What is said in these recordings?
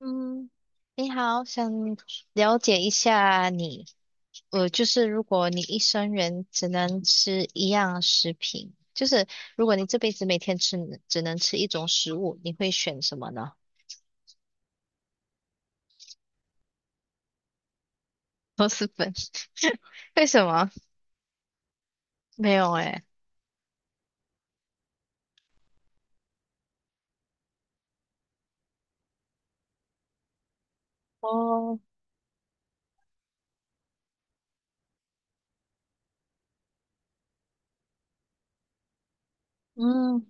嗯，你好，想了解一下你，就是如果你一生人只能吃一样食品，就是如果你这辈子每天吃只能吃一种食物，你会选什么呢？螺蛳粉？为什么？没有诶。哦，嗯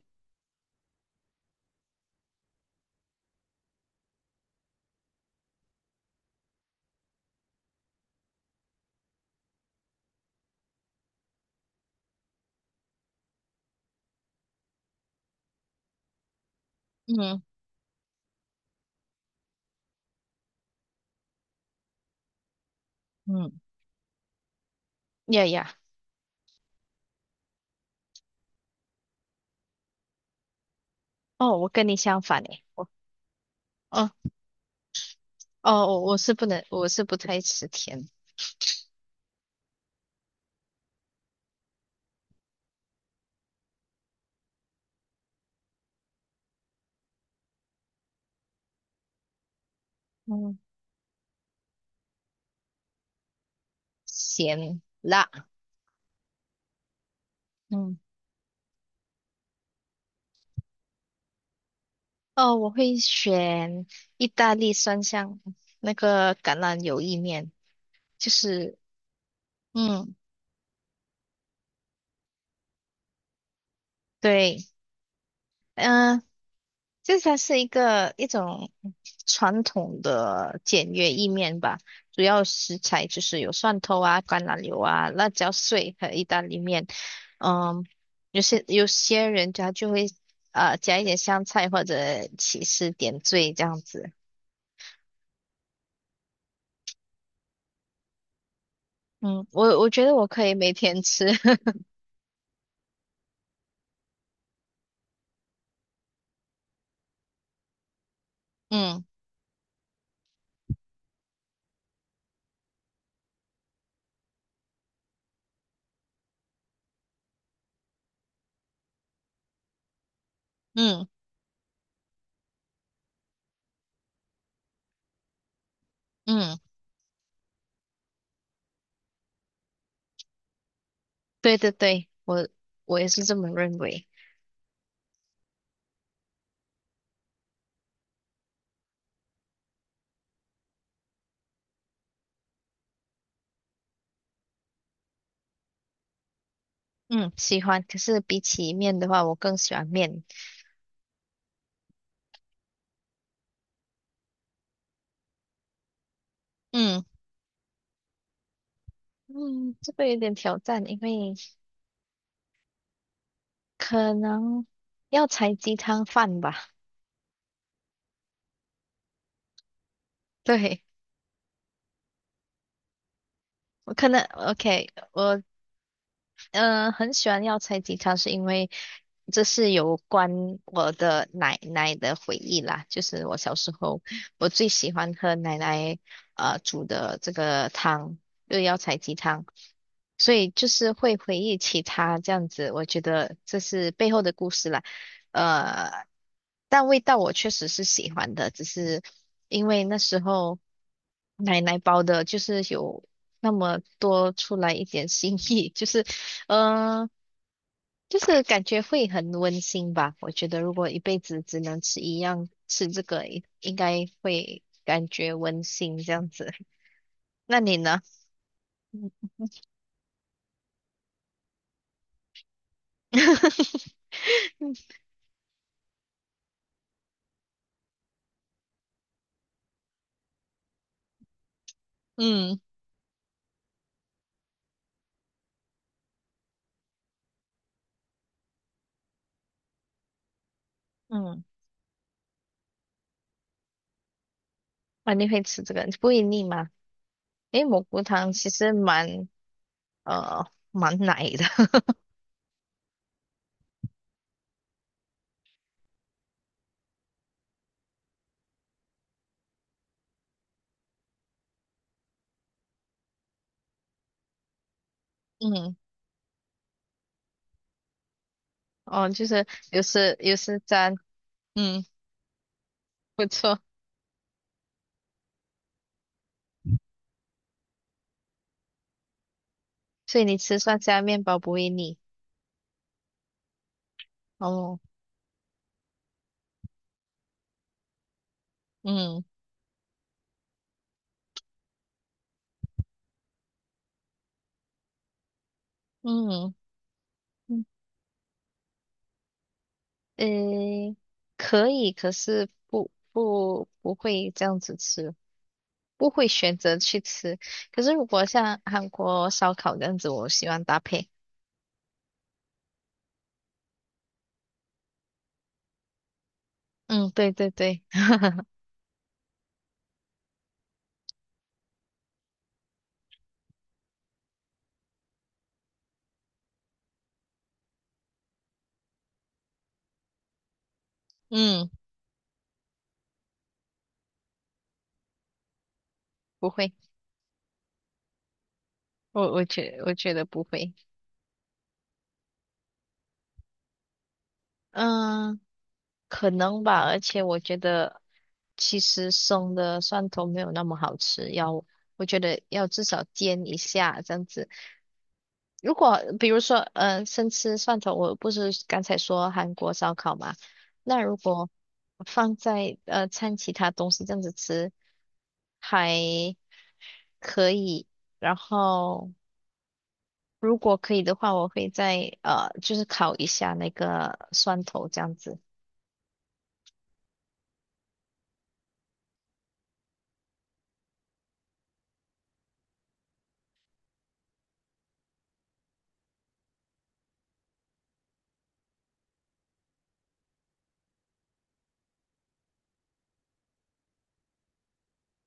嗯嗯，呀呀，哦，我跟你相反诶，我哦哦，我是不太吃甜，嗯，咸辣，嗯。哦，我会选意大利酸香那个橄榄油意面，就是嗯，对，嗯、它是一种传统的简约意面吧，主要食材就是有蒜头啊、橄榄油啊、辣椒碎和意大利面。嗯，有些人家就会加一点香菜或者起司点缀这样子。嗯，我觉得我可以每天吃。嗯嗯嗯。对对对，我也是这么认为。嗯，喜欢。可是比起面的话，我更喜欢面。嗯嗯，这个有点挑战，因为可能要采鸡汤饭吧。对，我可能 OK，我嗯、很喜欢药材鸡汤，是因为这是有关我的奶奶的回忆啦。就是我小时候，我最喜欢喝奶奶煮的这个汤，就是药材鸡汤，所以就是会回忆起它这样子。我觉得这是背后的故事啦。呃，但味道我确实是喜欢的，只是因为那时候奶奶包的，就是有那么多出来一点心意，就是嗯，就是感觉会很温馨吧。我觉得如果一辈子只能吃一样，吃这个应该会感觉温馨这样子。那你呢？嗯 嗯嗯，啊，你会吃这个，不会腻吗？诶，蘑菇汤其实呃蛮奶的，嗯，哦，就是有时有时沾，嗯，不错。所以你吃蒜香面包不会腻哦，嗯嗯嗯。嗯，可以，可是不会这样子吃，不会选择去吃。可是如果像韩国烧烤这样子，我喜欢搭配。嗯，对对对，嗯，不会，我觉得不会。嗯，可能吧，而且我觉得其实生的蒜头没有那么好吃，我觉得要至少煎一下这样子。如果比如说，生吃蒜头，我不是刚才说韩国烧烤嘛？那如果放在掺其他东西这样子吃还可以。然后如果可以的话，我会再就是烤一下那个蒜头这样子。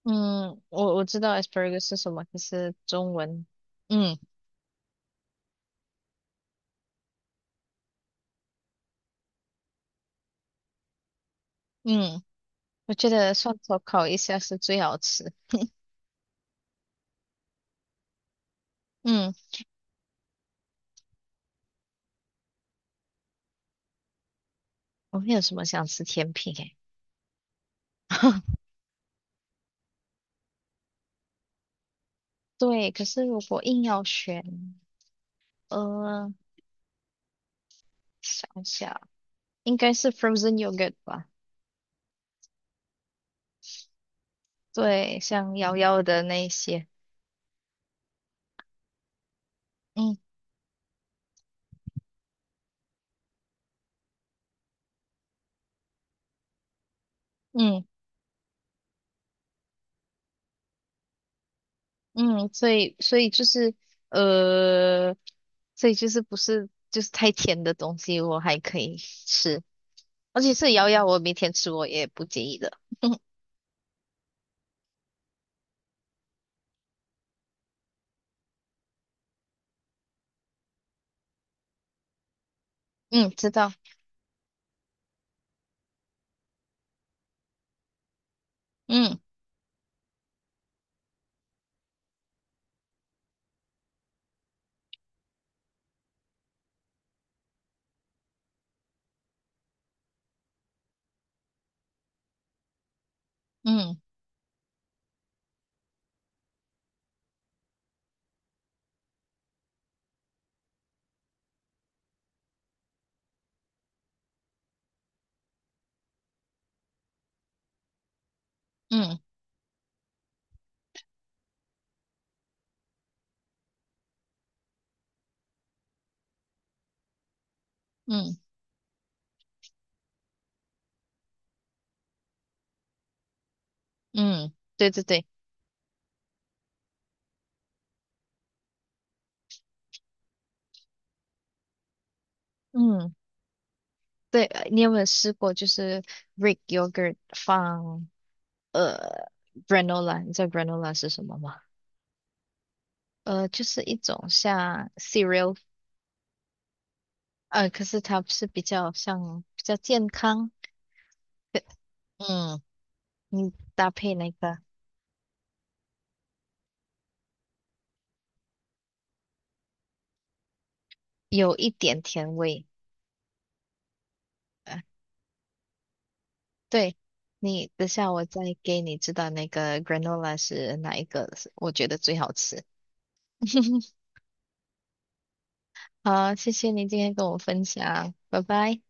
嗯，我知道 asparagus 是什么，可是中文，嗯嗯，我觉得蒜头烤一下是最好吃。嗯，我们有什么想吃甜品诶？对，可是如果硬要选，呃，想一下，应该是 frozen yogurt 吧？对，像瑶瑶的那一些，嗯嗯嗯，所以就是呃，所以就是不是就是太甜的东西，我还可以吃，而且是瑶瑶，我每天吃我也不介意的。嗯，知道，嗯嗯嗯嗯嗯，对对对，嗯对，你有没有试过就是 Greek yogurt 放？呃，granola，你知道 granola 是什么吗？就是一种像 cereal，可是它是比较像比较健康，呃嗯，你搭配那个有一点甜味，呃，对，你等下我再给你知道那个 granola 是哪一个，我觉得最好吃。好，谢谢你今天跟我分享，拜拜。